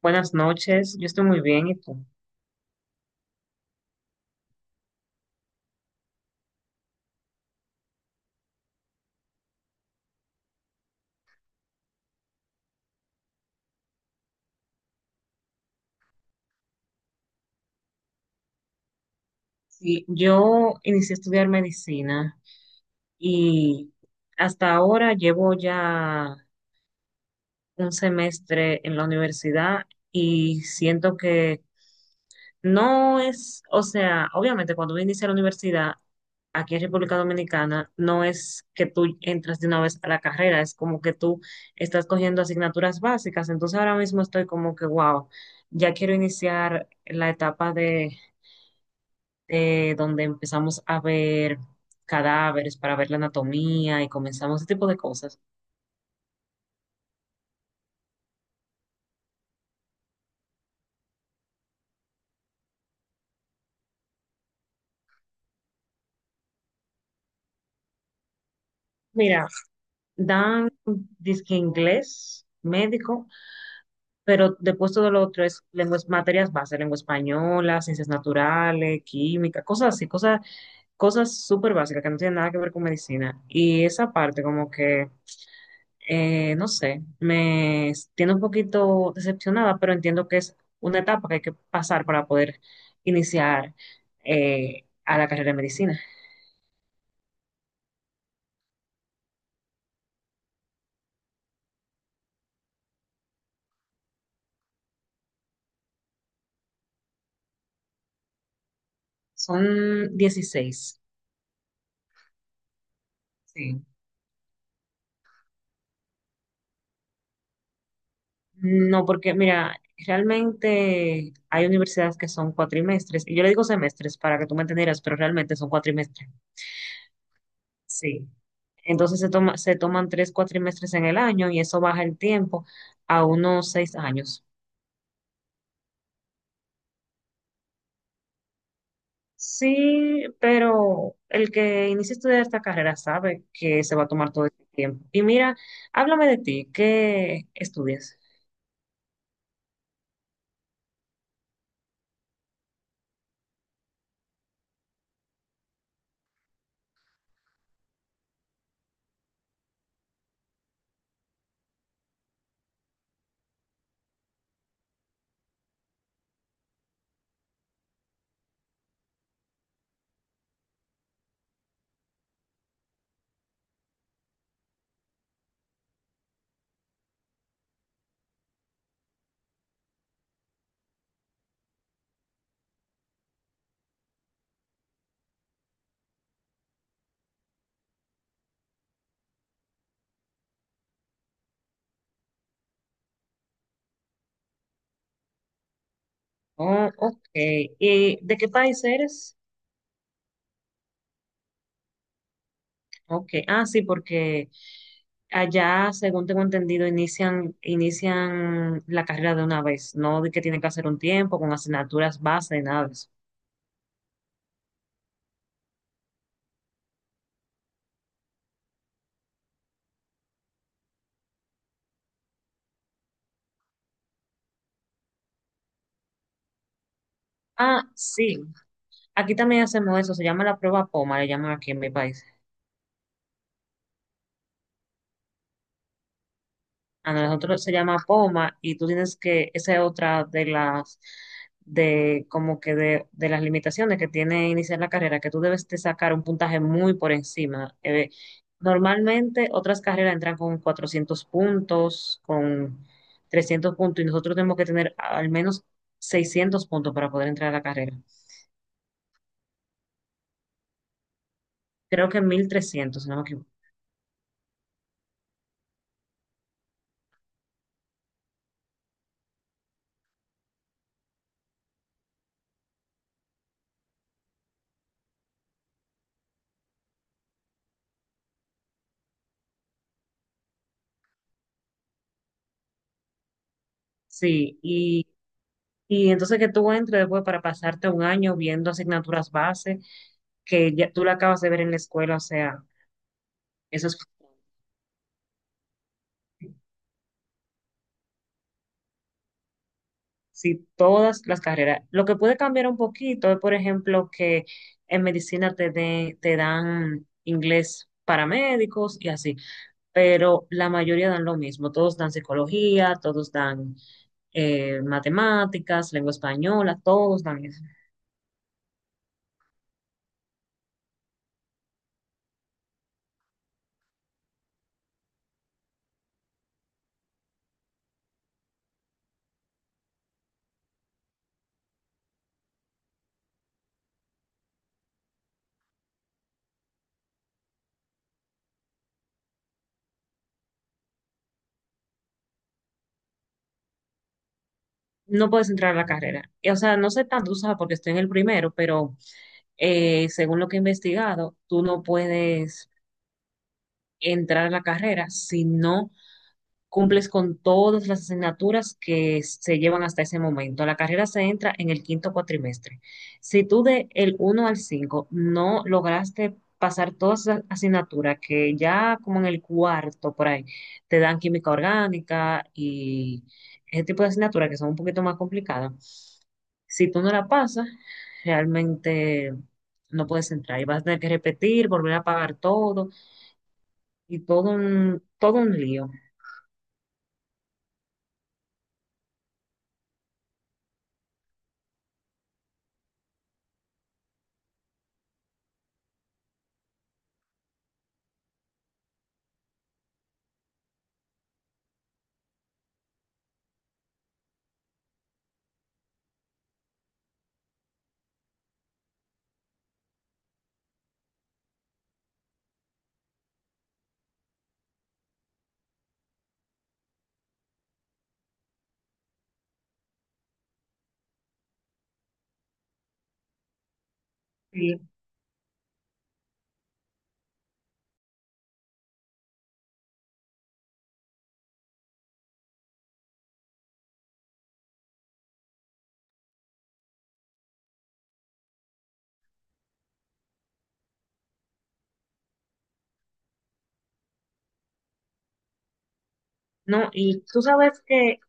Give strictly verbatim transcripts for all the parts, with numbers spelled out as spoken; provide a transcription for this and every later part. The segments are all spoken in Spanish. Buenas noches, yo estoy muy bien, ¿y tú? Sí, yo inicié a estudiar medicina y hasta ahora llevo ya un semestre en la universidad y siento que no es, o sea, obviamente cuando uno inicia la universidad aquí en República Dominicana, no es que tú entras de una vez a la carrera, es como que tú estás cogiendo asignaturas básicas, entonces ahora mismo estoy como que, wow, ya quiero iniciar la etapa de eh, donde empezamos a ver cadáveres para ver la anatomía y comenzamos ese tipo de cosas. Mira, dan disque inglés, médico, pero después todo lo otro es lenguas, materias básicas lengua española, ciencias naturales, química, cosas así, cosas, cosas súper básicas que no tienen nada que ver con medicina. Y esa parte como que eh, no sé, me tiene un poquito decepcionada, pero entiendo que es una etapa que hay que pasar para poder iniciar eh, a la carrera de medicina. Son dieciséis. Sí. No, porque mira, realmente hay universidades que son cuatrimestres, y yo le digo semestres para que tú me entendieras, pero realmente son cuatrimestres. Sí. Entonces se toma, se toman tres cuatrimestres en el año y eso baja el tiempo a unos seis años. Sí, pero el que inicia a estudiar esta carrera sabe que se va a tomar todo este tiempo. Y mira, háblame de ti, ¿qué estudias? Oh, ok. ¿Y de qué país eres? Ok. Ah, sí, porque allá, según tengo entendido, inician, inician la carrera de una vez, no de que tienen que hacer un tiempo con asignaturas base, nada de eso. Ah, sí. Aquí también hacemos eso, se llama la prueba POMA, le llaman aquí en mi país. A nosotros se llama poma y tú tienes que, esa es otra de las, de como que de, de las limitaciones que tiene iniciar la carrera, que tú debes de sacar un puntaje muy por encima. Eh, normalmente otras carreras entran con cuatrocientos puntos, con trescientos puntos y nosotros tenemos que tener al menos seiscientos puntos para poder entrar a la carrera. Creo que mil trescientos, si no me equivoco. Sí, y Y entonces que tú entres después para pasarte un año viendo asignaturas base que ya tú la acabas de ver en la escuela, o sea, eso es sí, todas las carreras. Lo que puede cambiar un poquito es, por ejemplo, que en medicina te, den- te dan inglés para médicos y así, pero la mayoría dan lo mismo, todos dan psicología, todos dan eh, matemáticas, lengua española, todos dan eso. No puedes entrar a la carrera. Y, o sea, no sé tanto, tú sabes, porque estoy en el primero, pero eh, según lo que he investigado, tú no puedes entrar a la carrera si no cumples con todas las asignaturas que se llevan hasta ese momento. La carrera se entra en el quinto cuatrimestre. Si tú de el uno al cinco no lograste pasar todas las asignaturas que ya como en el cuarto por ahí te dan química orgánica y ese tipo de asignaturas que son un poquito más complicadas, si tú no la pasas, realmente no puedes entrar y vas a tener que repetir, volver a pagar todo y todo un, todo un lío. No, y tú sabes que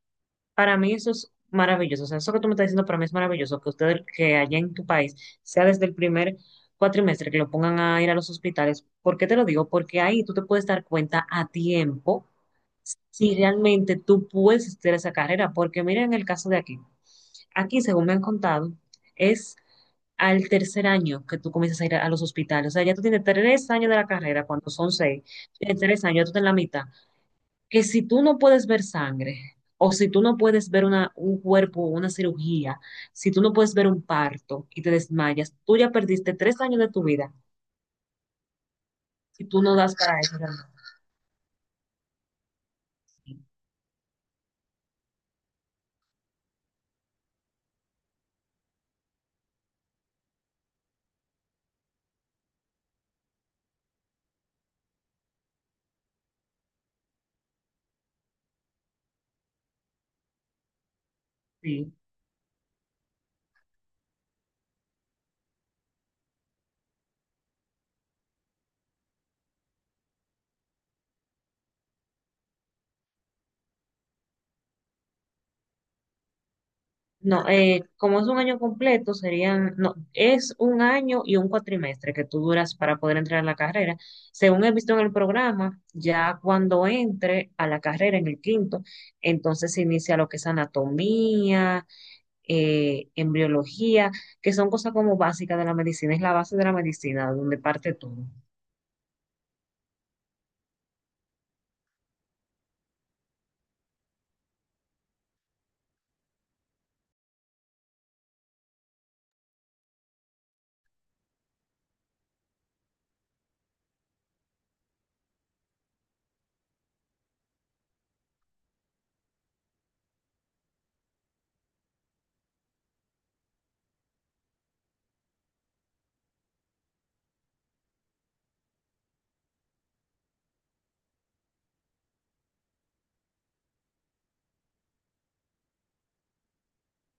para mí eso es maravilloso. O sea, eso que tú me estás diciendo para mí es maravilloso, que ustedes, que allá en tu país, sea desde el primer cuatrimestre que lo pongan a ir a los hospitales. ¿Por qué te lo digo? Porque ahí tú te puedes dar cuenta a tiempo si realmente tú puedes hacer esa carrera. Porque mira en el caso de aquí. Aquí, según me han contado, es al tercer año que tú comienzas a ir a los hospitales. O sea, ya tú tienes tres años de la carrera, cuando son seis, tienes tres años, tú estás en la mitad que si tú no puedes ver sangre, o si tú no puedes ver una, un cuerpo, una cirugía, si tú no puedes ver un parto y te desmayas, tú ya perdiste tres años de tu vida si tú no das para eso realmente. Sí. No, eh, como es un año completo, serían, no, es un año y un cuatrimestre que tú duras para poder entrar a la carrera. Según he visto en el programa, ya cuando entre a la carrera en el quinto, entonces se inicia lo que es anatomía, eh, embriología, que son cosas como básicas de la medicina, es la base de la medicina, donde parte todo.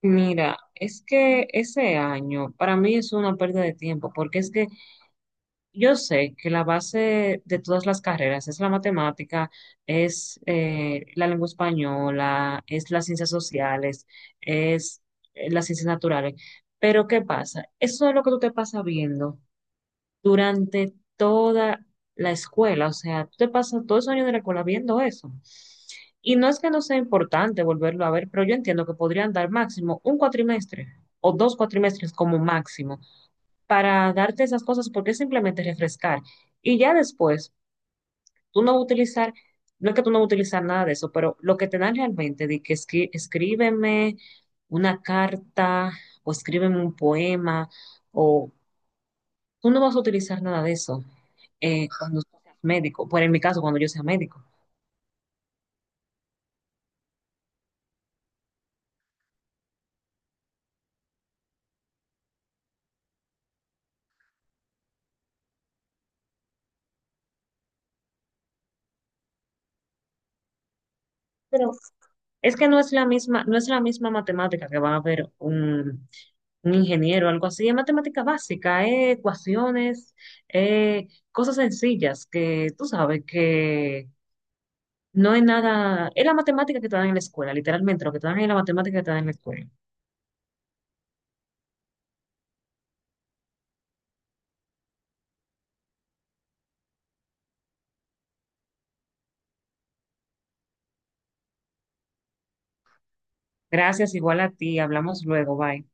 Mira, es que ese año para mí es una pérdida de tiempo, porque es que yo sé que la base de todas las carreras es la matemática, es eh, la lengua española, es las ciencias sociales, es eh, las ciencias naturales. Pero ¿qué pasa? Eso es lo que tú te pasas viendo durante toda la escuela. O sea, tú te pasas todos esos años de la escuela viendo eso. Y no es que no sea importante volverlo a ver, pero yo entiendo que podrían dar máximo un cuatrimestre o dos cuatrimestres como máximo para darte esas cosas porque es simplemente refrescar. Y ya después, tú no vas a utilizar, no es que tú no vas a utilizar nada de eso, pero lo que te dan realmente de que escri- escríbeme una carta o escríbeme un poema o tú no vas a utilizar nada de eso eh, cuando tú seas médico. Bueno, en mi caso, cuando yo sea médico. Pero es que no es la misma, no es la misma matemática que va a ver un, un ingeniero o algo así. Es matemática básica, eh, ecuaciones, eh, cosas sencillas que tú sabes que no es nada. Es la matemática que te dan en la escuela, literalmente. Lo que te dan es la matemática que te dan en la escuela. Gracias, igual a ti. Hablamos luego. Bye.